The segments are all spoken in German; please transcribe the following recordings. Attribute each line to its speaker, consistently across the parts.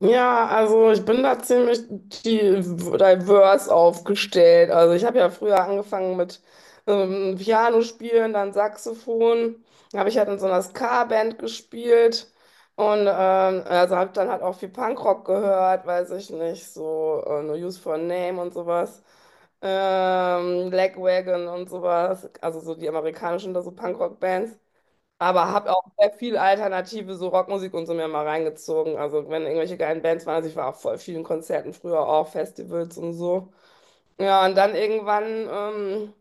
Speaker 1: Ja, also ich bin da ziemlich diverse aufgestellt. Also ich habe ja früher angefangen mit Piano spielen, dann Saxophon. Dann habe ich halt in so einer Ska-Band gespielt und also habe dann halt auch viel Punkrock gehört, weiß ich nicht, so No Use for a Name und sowas. Lagwagon und sowas, also so die amerikanischen da so Punkrock-Bands. Aber habe auch sehr viel alternative so Rockmusik und so mir mal reingezogen. Also wenn irgendwelche geilen Bands waren, also ich war auf voll vielen Konzerten früher auch, Festivals und so. Ja, und dann irgendwann, ähm,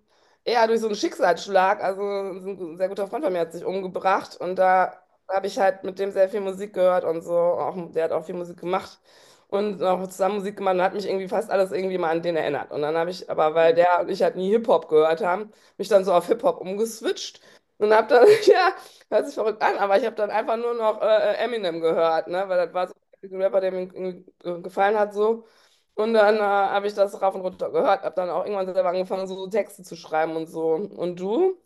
Speaker 1: ja, durch so einen Schicksalsschlag, also so ein sehr guter Freund von mir hat sich umgebracht und da habe ich halt mit dem sehr viel Musik gehört und so, auch, der hat auch viel Musik gemacht und auch zusammen Musik gemacht und hat mich irgendwie fast alles irgendwie mal an den erinnert. Und dann habe ich, aber weil der und ich halt nie Hip-Hop gehört haben, mich dann so auf Hip-Hop umgeswitcht und habe dann, ja, hört sich verrückt an, aber ich habe dann einfach nur noch Eminem gehört, ne, weil das war so ein Rapper, der mir irgendwie gefallen hat so. Und dann habe ich das rauf und runter gehört, habe dann auch irgendwann selber angefangen, so, so Texte zu schreiben und so. Und du?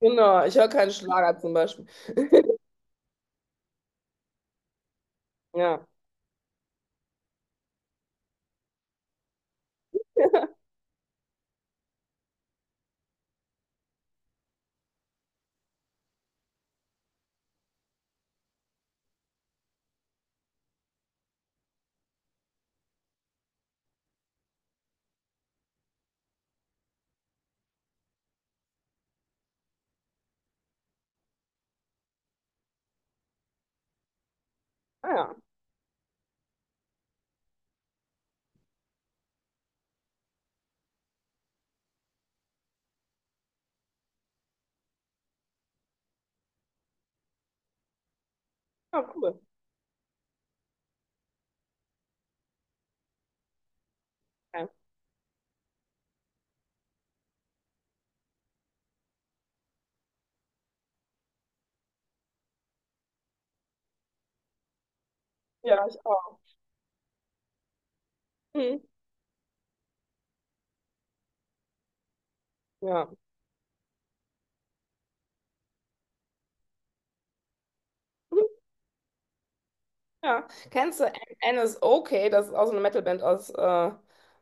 Speaker 1: Genau, ich höre keinen Schlager zum Beispiel. Ja. Ah ja, ja, cool. Ja, ja, ich auch. Hm. Ja. Hm, ja. Kennst du N is okay? Das ist auch so eine Metalband aus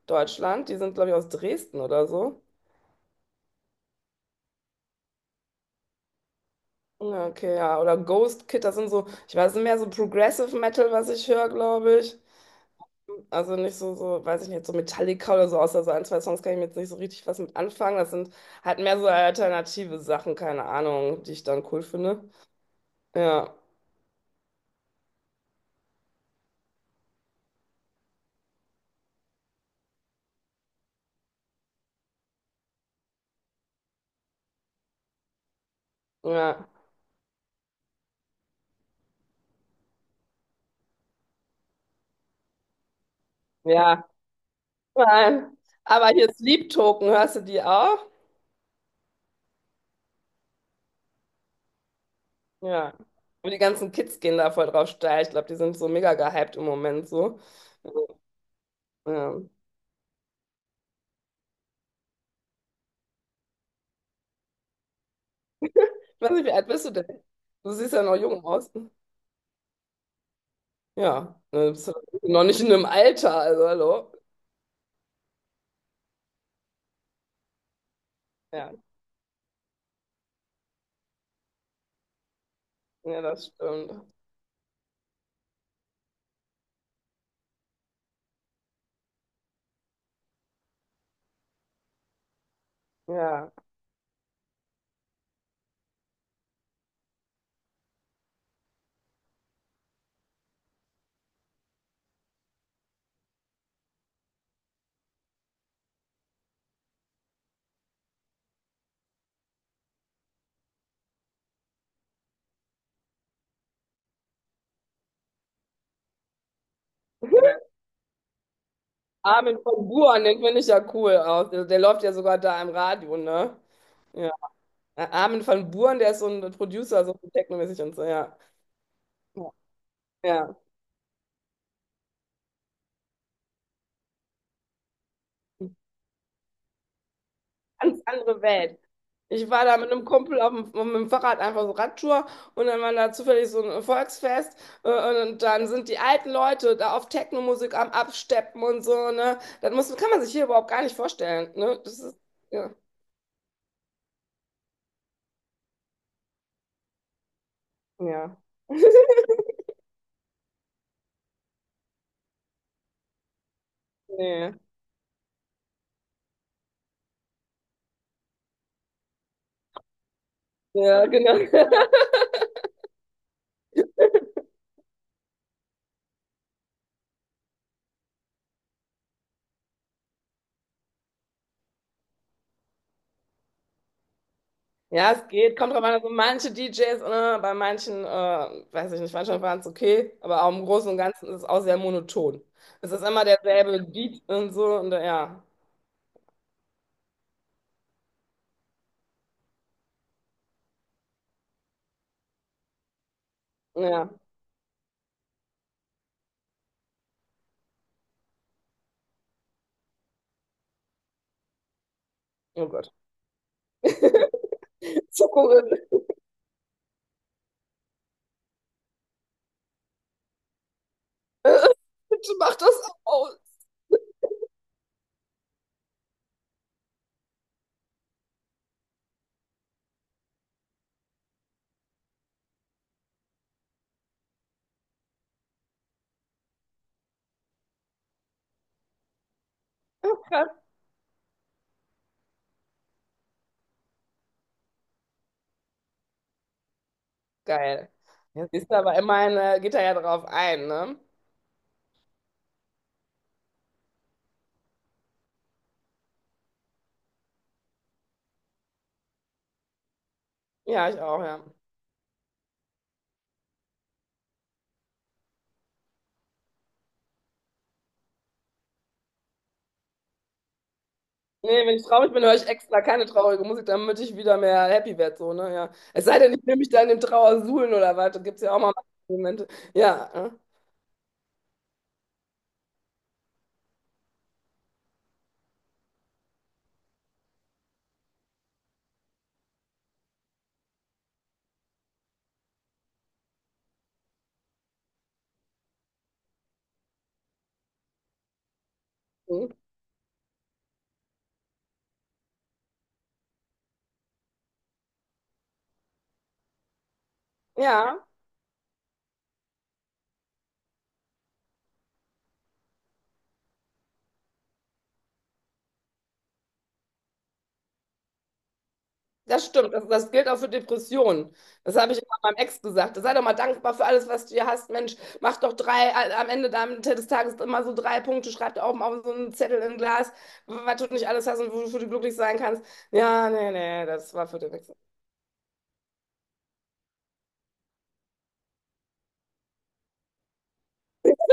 Speaker 1: Deutschland. Die sind, glaube ich, aus Dresden oder so. Ja, okay, ja. Oder Ghost Kid, das sind so, ich weiß nicht mehr, so Progressive Metal, was ich höre, glaube ich. Also nicht so, so, weiß ich nicht, so Metallica oder so, außer so ein, zwei Songs kann ich mir jetzt nicht so richtig was mit anfangen. Das sind halt mehr so alternative Sachen, keine Ahnung, die ich dann cool finde. Ja, ja, ja. Nein. Aber hier Sleep Token, hörst du die auch? Ja. Und die ganzen Kids gehen da voll drauf steil. Ich glaube, die sind so mega gehypt im Moment so. Ja. Ich weiß nicht, wie alt bist du denn? Du siehst ja noch jung aus. Ja, du bist ja noch nicht in einem Alter, also hallo. Ja, ja, das stimmt. Ja. Armin von Buuren, den finde ich ja cool aus. Der, der läuft ja sogar da im Radio, ne? Ja. Armin von Buuren, der ist so ein Producer, so technomäßig und so, ja. Ja. Ja. Ganz andere Welt. Ich war da mit einem Kumpel auf dem, mit dem Fahrrad einfach so Radtour und dann war da zufällig so ein Volksfest äh, und dann sind die alten Leute da auf Technomusik am Absteppen und so, ne? Das muss, kann man sich hier überhaupt gar nicht vorstellen, ne? Das ist, ja. Ja. Nee. Ja, genau. Ja, es geht. Kommt drauf an, also manche DJs, ne, bei manchen, weiß ich nicht, manchmal waren es okay, aber auch im Großen und Ganzen ist es auch sehr monoton. Es ist immer derselbe Beat und so und ja, ja, oh Gott. Zuckerin, bitte mach das aus. Ja, krass. Geil. Jetzt ist aber immerhin, geht er ja drauf ein, ne? Ja, ich auch, ja. Nee, wenn ich traurig bin, höre ich extra keine traurige Musik, damit ich wieder mehr happy werde, so, ne? Ja. Es sei denn, ich will mich da in dem Trauersuhlen oder was, da gibt es ja auch mal Momente. Ja, ne? Mhm. Ja, das stimmt. Das gilt auch für Depressionen. Das habe ich immer meinem Ex gesagt. Sei doch mal dankbar für alles, was du hier hast. Mensch, mach doch drei, am Ende des Tages immer so drei Punkte, schreib da oben auf so einen Zettel in ein Glas, was du nicht alles hast und wofür du glücklich sein kannst. Ja, nee, nee, das war für den Ex.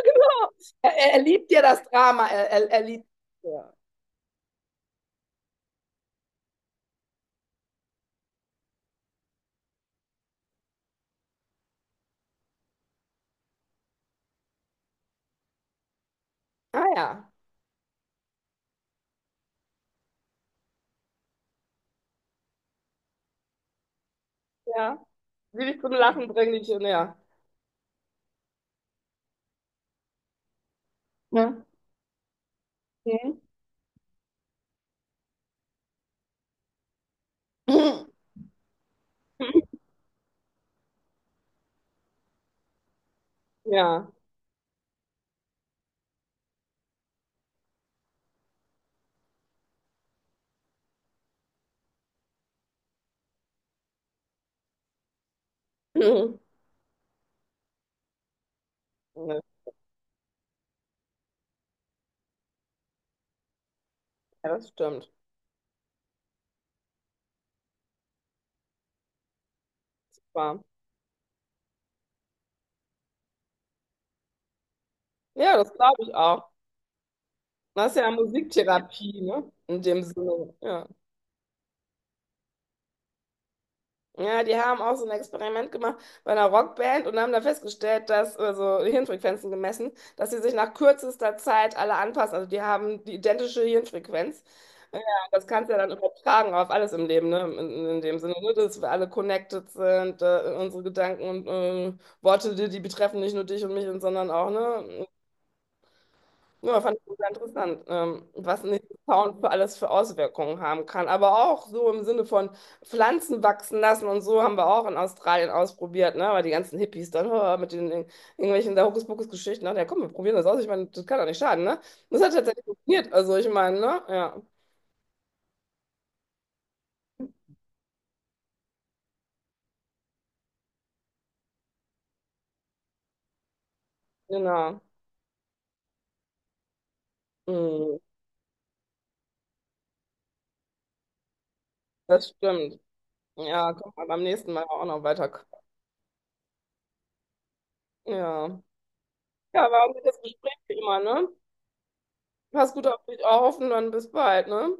Speaker 1: Oh, er liebt ja das Drama, er liebt. Ja. Ah ja, ja. Die dich zum Lachen bringen, die ja. Ne? Mhm. Ja. Ne, ja, das stimmt. Wahr. Ja, das glaube ich auch. Das ist ja Musiktherapie, ne? In dem Sinne. Ja. Ja, die haben auch so ein Experiment gemacht bei einer Rockband und haben da festgestellt, dass, also Hirnfrequenzen gemessen, dass sie sich nach kürzester Zeit alle anpassen. Also die haben die identische Hirnfrequenz. Ja, das kannst du ja dann übertragen auf alles im Leben, ne? In dem Sinne, ne? Dass wir alle connected sind, unsere Gedanken und Worte, die betreffen nicht nur dich und mich, sondern auch, ne? Ja, fand ich sehr interessant, was ein Sound für alles für Auswirkungen haben kann. Aber auch so im Sinne von Pflanzen wachsen lassen und so haben wir auch in Australien ausprobiert, ne? Weil die ganzen Hippies dann oh, mit den irgendwelchen da Hokuspokus-Geschichten, ach ja, komm, wir probieren das aus. Ich meine, das kann doch nicht schaden, ne? Das hat tatsächlich funktioniert. Also ich meine, ne? Ja, genau. Mm, das stimmt. Ja, komm mal beim nächsten Mal auch noch weiter. Ja. Ja, war ein gutes Gespräch wie immer, ne? Pass gut auf dich auf und dann bis bald, ne?